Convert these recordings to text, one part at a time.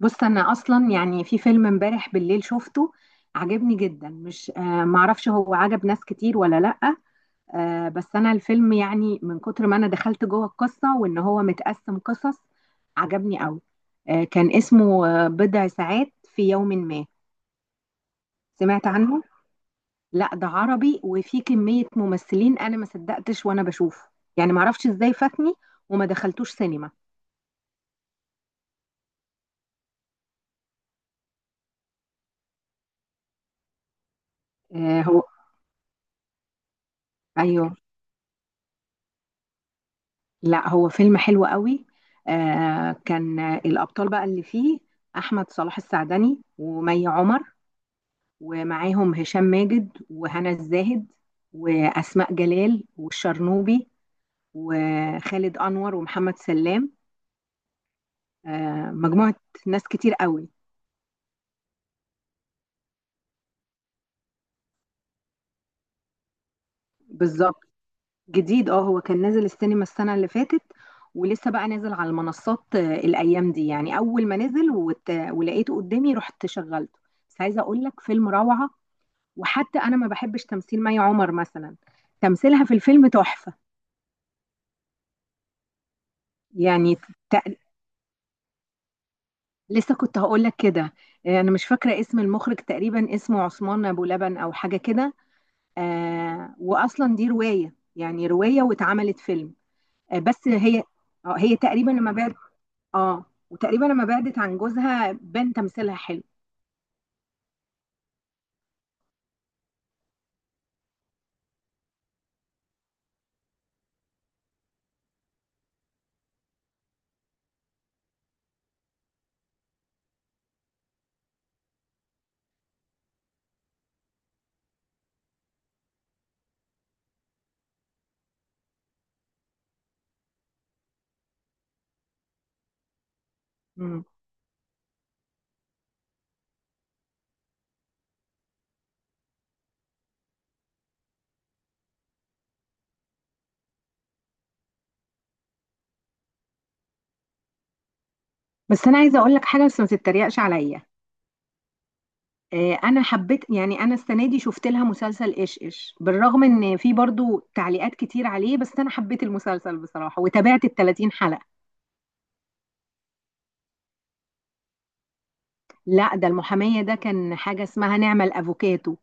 بص، انا اصلا يعني في فيلم امبارح بالليل شفته. عجبني جدا، مش معرفش هو عجب ناس كتير ولا لأ. بس انا الفيلم، يعني، من كتر ما انا دخلت جوه القصة وان هو متقسم قصص، عجبني قوي. كان اسمه بضع ساعات في يوم ما. سمعت عنه. لا، ده عربي، وفي كمية ممثلين انا ما صدقتش وانا بشوفه. يعني معرفش ازاي فاتني وما دخلتوش سينما. آه. هو، ايوه، لا، هو فيلم حلو قوي. كان الأبطال بقى اللي فيه: أحمد صلاح السعدني ومي عمر، ومعاهم هشام ماجد وهنا الزاهد، وأسماء جلال والشرنوبي، وخالد أنور ومحمد سلام. مجموعة، ناس كتير قوي. بالظبط. جديد، هو كان نازل السينما السنة اللي فاتت، ولسه بقى نازل على المنصات الأيام دي. يعني أول ما نزل ولقيته قدامي رحت شغلته. بس عايزة أقول لك، فيلم روعة. وحتى انا ما بحبش تمثيل مي عمر مثلا، تمثيلها في الفيلم تحفة. يعني ت... لسه كنت هقول لك كده. انا مش فاكرة اسم المخرج، تقريبا اسمه عثمان ابو لبن او حاجة كده. واصلا دي رواية، يعني رواية، واتعملت فيلم. بس هي هي تقريبا لما بعد. اه وتقريبا لما بعدت عن جوزها بان تمثيلها حلو. مم. بس انا عايزة اقول لك حاجة، بس ما تتريقش عليا. انا حبيت، يعني انا السنه دي شفت لها مسلسل ايش ايش. بالرغم ان في برضو تعليقات كتير عليه، بس انا حبيت المسلسل بصراحه وتابعت ال 30 حلقه. لا، ده المحاميه ده كان حاجه اسمها نعمل افوكاتو.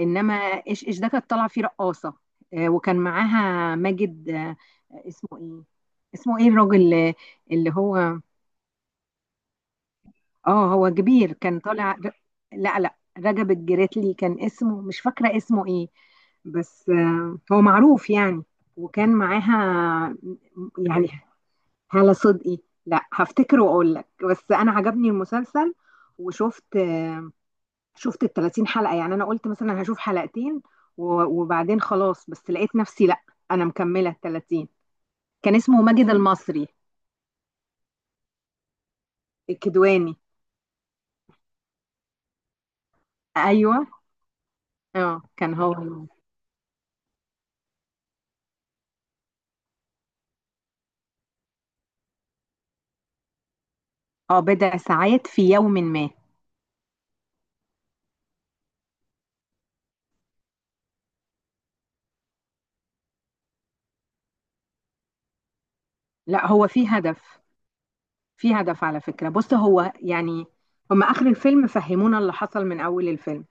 انما ايش ايش ده كانت طالعه فيه رقاصه. وكان معاها ماجد. اسمه ايه؟ اسمه ايه الراجل اللي هو؟ اه هو كبير، كان طالع لا، لا، رجب الجريتلي كان اسمه، مش فاكرة اسمه ايه. بس هو معروف يعني. وكان معاها، يعني، هالة صدقي. لا، هفتكر واقول لك، بس انا عجبني المسلسل. وشفت آه، شفت ال 30 حلقة. يعني انا قلت مثلا هشوف حلقتين وبعدين خلاص. بس لقيت نفسي لا، انا مكملة ال 30. كان اسمه ماجد المصري. الكدواني، ايوه. اه كان هو. اه، بضع ساعات في يوم ما. لا، هو في هدف. في هدف، على فكرة. بص هو يعني، هم آخر الفيلم فهمونا اللي حصل من أول الفيلم.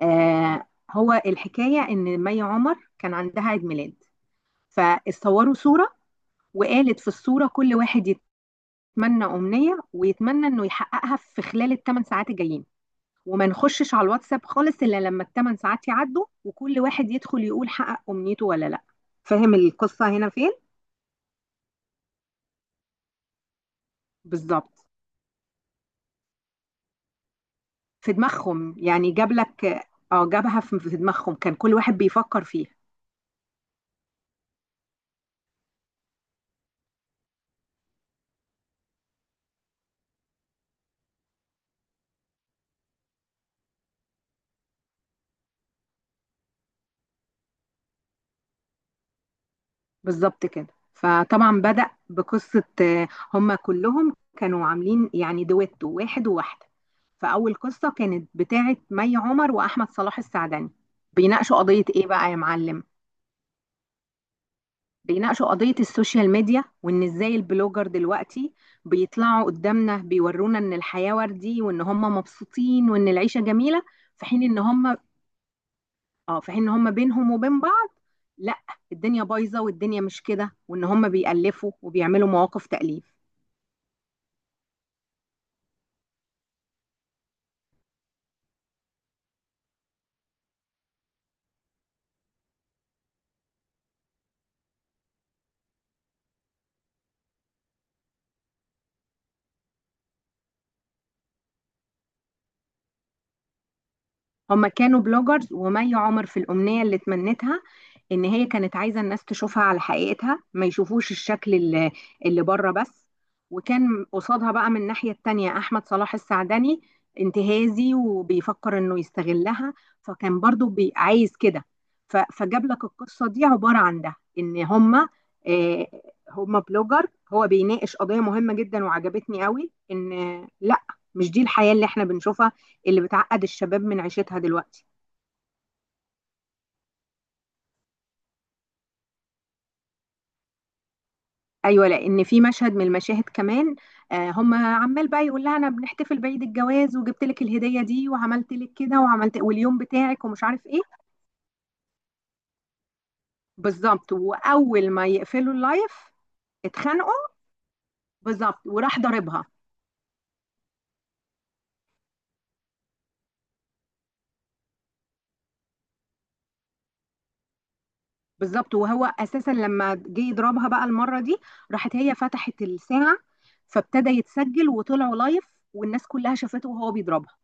هو الحكاية إن مي عمر كان عندها عيد ميلاد، فاتصوروا صورة، وقالت في الصورة كل واحد يتمنى أمنية ويتمنى إنه يحققها في خلال الثمان ساعات الجايين. وما نخشش على الواتساب خالص إلا لما الثمان ساعات يعدوا، وكل واحد يدخل يقول حقق أمنيته ولا لأ. فاهم القصة هنا فين؟ بالظبط. في دماغهم، يعني جاب لك. اه جابها في دماغهم، كان كل واحد بيفكر فيها. بالظبط كده. فطبعا بدأ بقصة. هم كلهم كانوا عاملين يعني دويتو، واحد وواحدة. فأول قصة كانت بتاعة مي عمر وأحمد صلاح السعدني. بيناقشوا قضية إيه بقى يا معلم؟ بيناقشوا قضية السوشيال ميديا، وإن إزاي البلوجر دلوقتي بيطلعوا قدامنا بيورونا إن الحياة وردي وإن هم مبسوطين وإن العيشة جميلة. في حين إن هم اه في حين ان هم بينهم وبين بعض، لا، الدنيا بايظه والدنيا مش كده، وان هم بيألفوا وبيعملوا مواقف تأليف. هما كانوا بلوجرز، ومي عمر في الأمنية اللي تمنتها إن هي كانت عايزة الناس تشوفها على حقيقتها، ما يشوفوش الشكل اللي بره بس. وكان قصادها بقى من الناحية التانية أحمد صلاح السعدني، انتهازي وبيفكر إنه يستغلها. فكان برضو عايز كده. فجاب لك القصة دي عبارة عن ده إن هما آه، هما بلوجر. هو بيناقش قضية مهمة جدا، وعجبتني قوي إن، لا، مش دي الحياة اللي احنا بنشوفها، اللي بتعقد الشباب من عيشتها دلوقتي. ايوه، لان في مشهد من المشاهد كمان، هم عمال بقى يقول لها انا بنحتفل بعيد الجواز وجبت لك الهديه دي وعملت لك كده وعملت واليوم بتاعك ومش عارف ايه. بالظبط، واول ما يقفلوا اللايف اتخانقوا. بالظبط، وراح ضاربها. بالظبط، وهو اساسا لما جه يضربها بقى المره دي، راحت هي فتحت الساعه. فابتدى يتسجل وطلعوا لايف، والناس كلها شافته وهو بيضربها.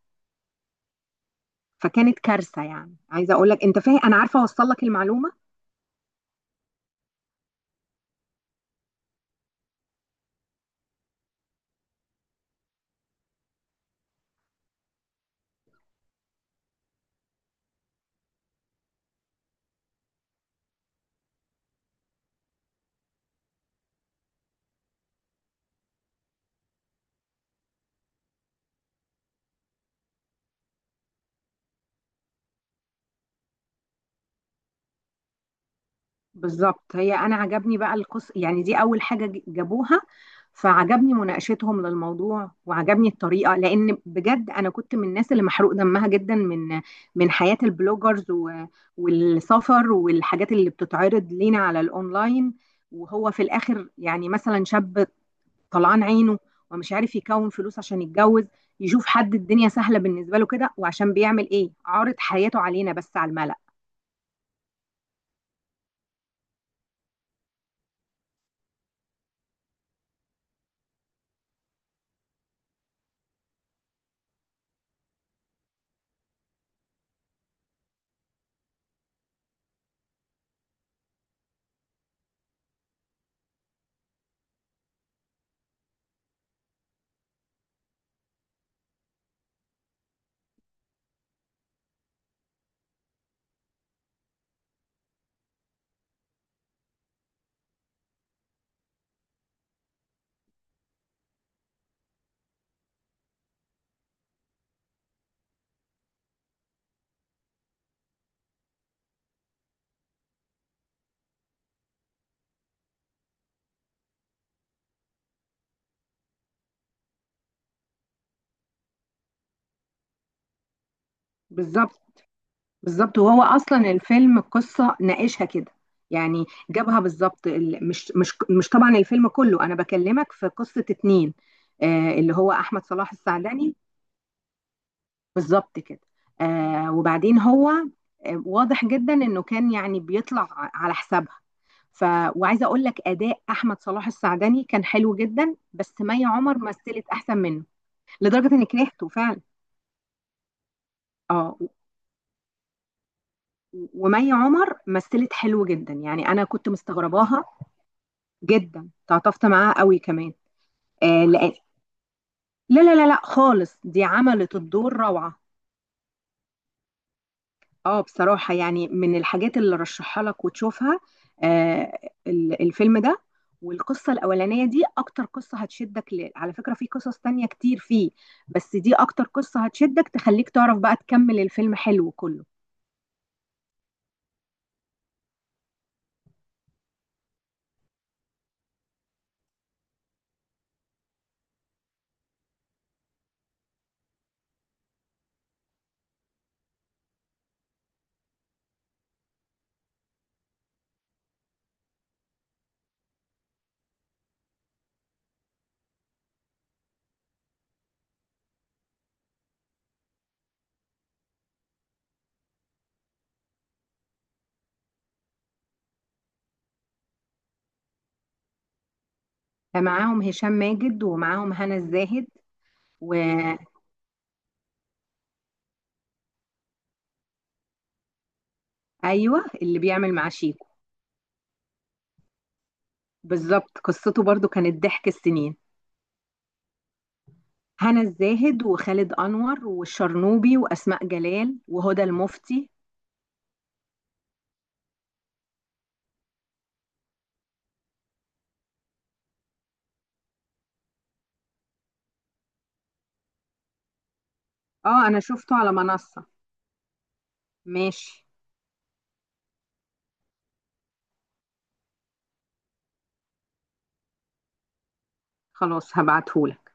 فكانت كارثه. يعني عايزه اقول لك، انت فاهم، انا عارفه اوصل لك المعلومه. بالظبط. هي انا عجبني بقى القص، يعني دي اول حاجه جابوها. فعجبني مناقشتهم للموضوع وعجبني الطريقه، لان بجد انا كنت من الناس اللي محروق دمها جدا من حياه البلوجرز والسفر والحاجات اللي بتتعرض لينا على الاونلاين. وهو في الاخر، يعني مثلا شاب طلعان عينه ومش عارف يكون فلوس عشان يتجوز، يشوف حد الدنيا سهله بالنسبه له كده. وعشان بيعمل ايه؟ عارض حياته علينا بس على الملأ. بالظبط، بالظبط. وهو اصلا الفيلم القصه ناقشها كده. يعني جابها بالظبط. مش طبعا الفيلم كله، انا بكلمك في قصه اتنين. اللي هو احمد صلاح السعدني، بالظبط كده. وبعدين هو واضح جدا انه كان يعني بيطلع على حسابها. ف وعايزه اقول لك، اداء احمد صلاح السعدني كان حلو جدا، بس مي عمر مثلت احسن منه. لدرجه اني كرهته فعلا. اه و- ومي عمر مثلت حلو جدا. يعني انا كنت مستغرباها. جدا تعاطفت معاها قوي كمان. لأن، لا، لا، لا، لا، خالص، دي عملت الدور روعة. اه بصراحة يعني، من الحاجات اللي رشحها لك وتشوفها، آه الفيلم ده. والقصة الأولانية دي أكتر قصة هتشدك على فكرة في قصص تانية كتير فيه، بس دي أكتر قصة هتشدك تخليك تعرف بقى تكمل. الفيلم حلو كله. معاهم هشام ماجد ومعاهم هنا الزاهد. وأيوه، اللي بيعمل مع شيكو. بالظبط، قصته برضو كانت ضحك السنين. هنا الزاهد وخالد أنور والشرنوبي وأسماء جلال وهدى المفتي. اه، انا شفته على منصة. ماشي. خلاص هبعتهولك.